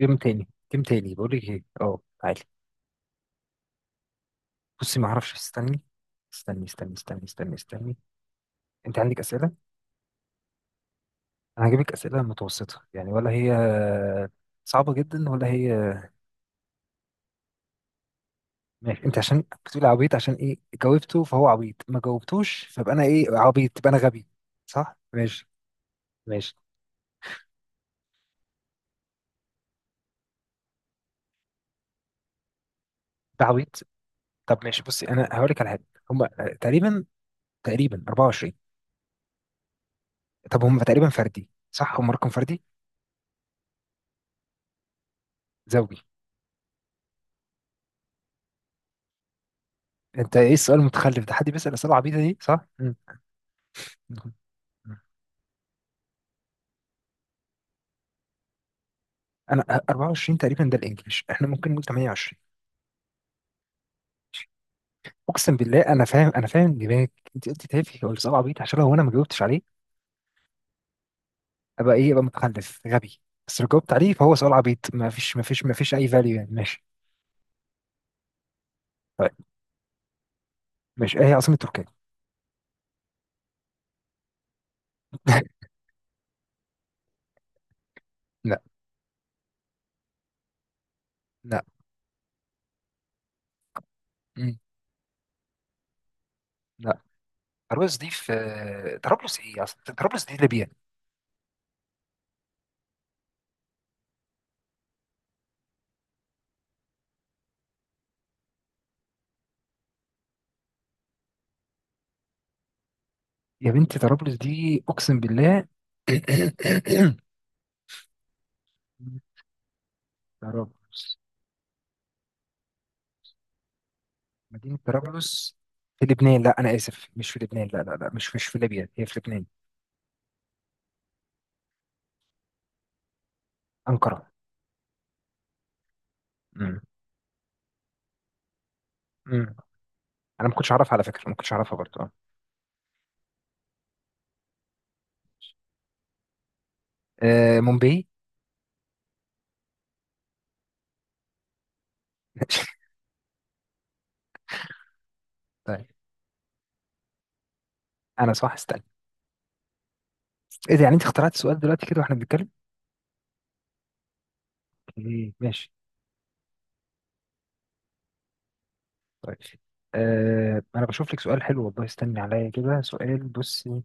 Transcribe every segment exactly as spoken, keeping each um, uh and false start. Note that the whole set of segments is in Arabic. جيم تاني، جيم تاني، بقول لك ايه، اه تعالي. بصي، ما اعرفش. استني استني استني استني استني استني. انت عندك اسئله؟ انا هجيبك اسئله متوسطه يعني، ولا هي صعبه جدا، ولا هي... ماشي. انت عشان بتقول عبيط، عشان ايه؟ جاوبته فهو عبيط، ما جاوبتوش فبقى انا ايه؟ عبيط؟ يبقى انا غبي؟ صح، ماشي. ماشي، ده عبيط. طب ماشي، بصي، انا هقول لك على حاجه. هم تقريبا، تقريبا أربعة وعشرين. طب هم تقريبا فردي، صح؟ هم رقم فردي؟ زوجي؟ انت ايه السؤال المتخلف ده؟ حد بيسال اسئله عبيطه دي؟ صح. مم. نعم. انا أربعة وعشرين تقريبا ده الانجليش، احنا ممكن نقول تمانية وعشرين. اقسم بالله، انا فاهم، انا فاهم دماغك. انت قلت تافه ولا سؤال عبيط، عشان لو انا ما جاوبتش عليه ابقى ايه؟ ابقى متخلف غبي. بس لو جاوبت عليه فهو سؤال عبيط، ما فيش ما فيش ما فيش اي فاليو يعني. ماشي. طيب، ماشي. ايه هي عاصمة تركيا؟ لا. لا. مم. لا. طرابلس دي في... طرابلس ايه اصلا؟ طرابلس دي ليبيا. يا بنتي، طرابلس دي اقسم بالله... طرابلس، مدينة طرابلس في لبنان. لا، أنا آسف، مش في لبنان. لا لا لا، مش مش في ليبيا، هي في لبنان. أنقرة. امم امم أنا ما كنتش أعرفها على فكرة، ما كنتش أعرفها برضه. آه. آه، مومباي. طيب، أنا صح، استنى. إيه ده؟ يعني أنت اخترعت السؤال دلوقتي كده وإحنا بنتكلم؟ إيه، ماشي. طيب. آه أنا بشوف لك سؤال حلو والله، استني عليا كده، سؤال. بصي.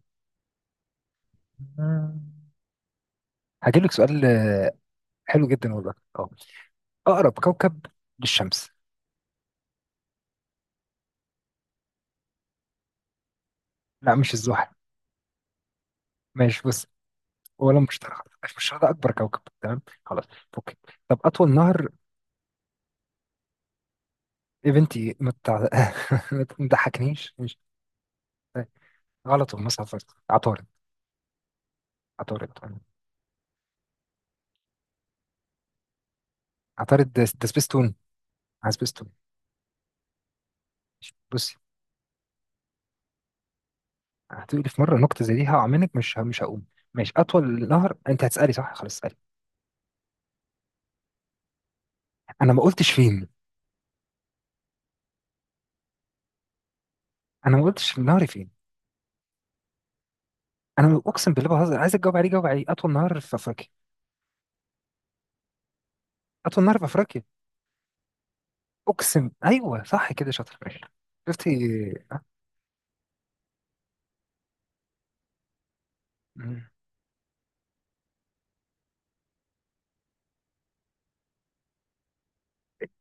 هجيب لك سؤال، آه، حلو جدا والله. أه أقرب كوكب للشمس. لا، مش الزحل. ماشي، بص، ولا مش ترى، مش مش ده اكبر كوكب، تمام، خلاص، اوكي. طب اطول نهر ايفنتي، ما تع- ما تضحكنيش، مش... غلط ومصر، عطارد، عطارد، عطارد، عطارد. ده ده سبيستون. على سبيستون. ماشي. بصي، هتقولي في مره نكته زي دي هعملك، مش ه- مش هقوم. ماشي، اطول نهر. انت هتسالي؟ صح، خلاص، اسالي. انا ما قلتش فين. انا ما قلتش نهري فين. انا اقسم بالله، بهزر، عايزك تجاوب عليه، جاوب عليه، اطول نهر في افريقيا. اطول نهر في افريقيا. اقسم، ايوه، صح كده، شاطر، ماشي. شفتي؟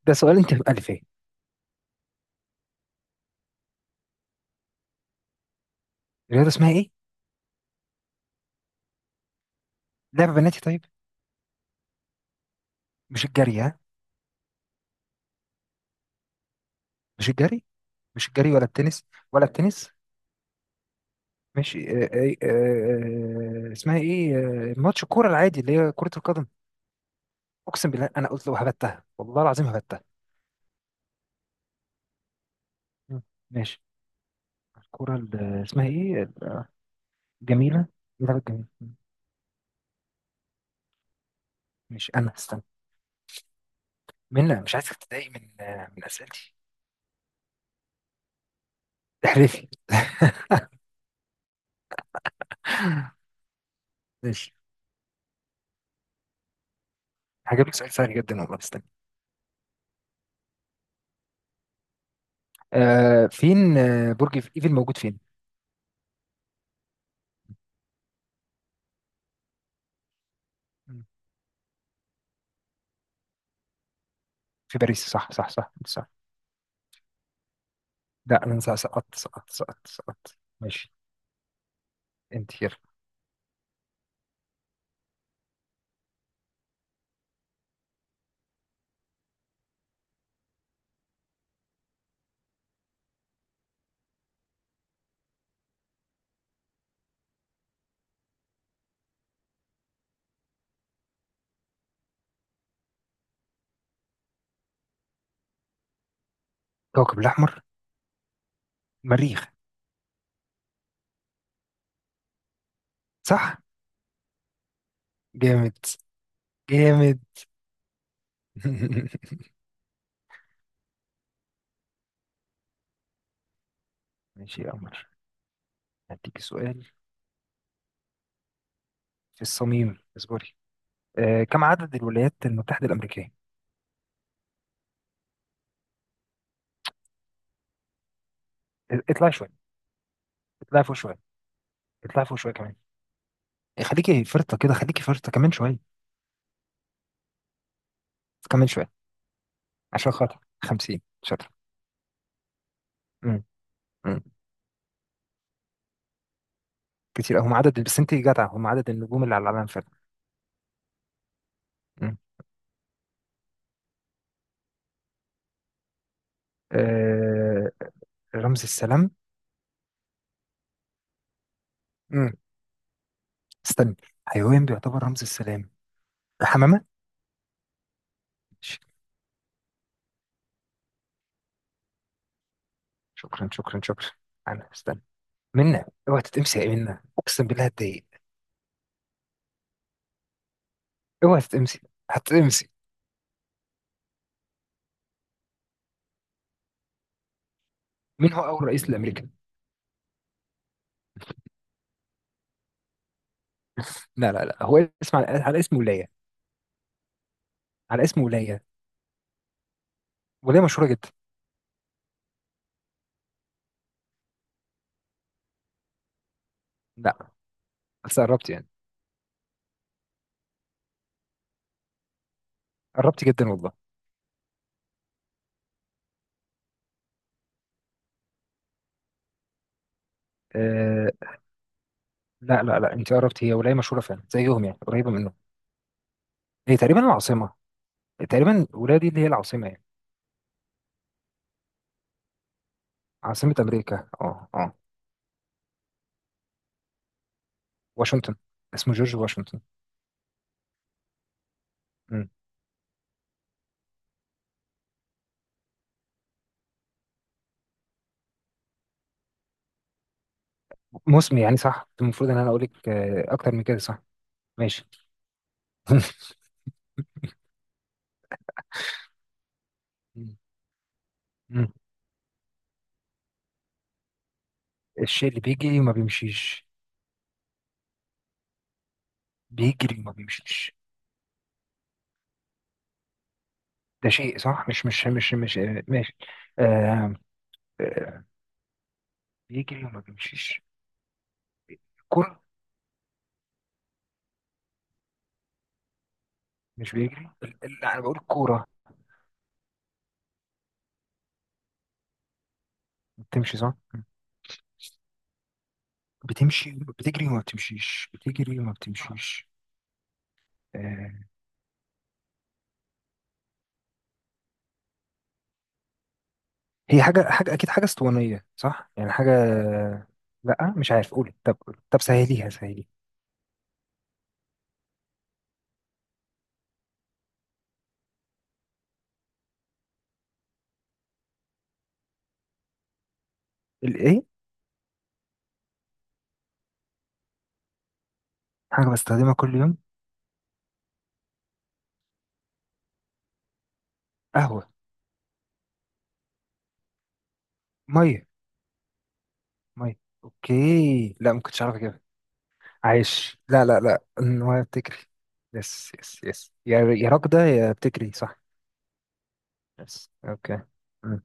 ده سؤال انت مألفاه. الرياضة اسمها ايه؟ لعبة بناتي طيب؟ مش الجري ها؟ مش الجري؟ مش الجري ولا التنس؟ ولا التنس؟ ماشي. آه، آه، آه، آه، اسمها ايه؟ آه، ماتش الكورة العادي اللي هي كرة القدم. اقسم بالله، انا قلت لو هبتها والله العظيم هبتها. مم. ماشي، الكورة ال- اسمها ايه؟ الجميلة اللعبة الجميلة. مم. ماشي، انا استنى. منى، مش عايزك تتضايق من آه، من اسئلتي. احرفي. ماشي، هجيب لك سؤال سهل جدا والله، استنى. آه، فين آه، برج ايفل موجود فين؟ مم. في باريس، صح، صح، صح. لا، انا سقطت سقطت سقطت سقطت سقطت. ماشي. انت، يلا. كوكب الاحمر؟ مريخ. صح. جامد، جامد. ماشي يا قمر، هديك سؤال في الصميم، اصبري. آه كم عدد الولايات المتحدة الأمريكية؟ اطلعي شوية. اطلعي فوق شوية. اطلعي فوق شوية كمان. إيه، خليكي فرطة كده، خليكي فرطة كمان شوية. كمان شوية. عشان خاطر... خمسين شاطر. مم. مم. كتير أوي. هم عدد، بس انت جدعة، هم عدد النجوم اللي على العالم فعلا. مم. آه رمز السلام. مم. استنى، حيوان بيعتبر رمز السلام. الحمامة. ش- شكرا، شكرا، شكرا. أنا استنى. منا، اوعى تتقمصي، يا منا أقسم بالله هتضايق. اوعى تتقمصي، هتتقمصي. مين هو أول رئيس لأمريكا؟ لا لا لا، هو اسم على, على اسم ولاية. على اسم ولاية، ولاية مشهورة جدا. لا، بس قربت يعني، قربت جدا والله. أه لا لا لا، أنت قربت. هي ولاية مشهورة فعلا زيهم، يعني قريبة منهم. هي تقريبا العاصمة، تقريبا الولاية دي اللي هي العاصمة يعني. عاصمة أمريكا، اه اه واشنطن. اسمه جورج واشنطن. موسمي يعني، صح، المفروض ان انا اقول لك آه، اكتر من كده، صح. ماشي. مم. الشيء اللي بيجري وما بيمشيش؟ بيجري وما بيمشيش؟ ده شيء، صح، مش مش مش مش آه، ماشي. آه آه، بيجري وما بيمشيش... الكرة. مش بيجري ال- ال- لا، انا بقول الكورة. بتمشي، صح. مم. بتمشي. بتجري وما بتمشيش؟ بتجري وما بتمشيش؟ آه هي حاجة، حاجة أكيد حاجة اسطوانية، صح يعني، حاجة. لا، مش عارف، قولي. طب طب سهليها، سهليها. الإيه؟ حاجة بستخدمها كل يوم؟ قهوة. مية. مية. اوكي، لا ما كنتش عارف كده. عايش، لا لا لا، انها بتجري. يس، يس، يس، يا يا راكدة يا بتجري، صح. يس، اوكي. مم.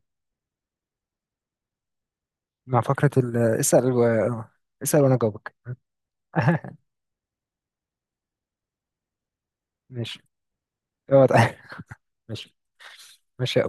مع فقرة ال اسأل و... آه، اسأل وانا جاوبك. ماشي، اقعد. ماشي. ماشي.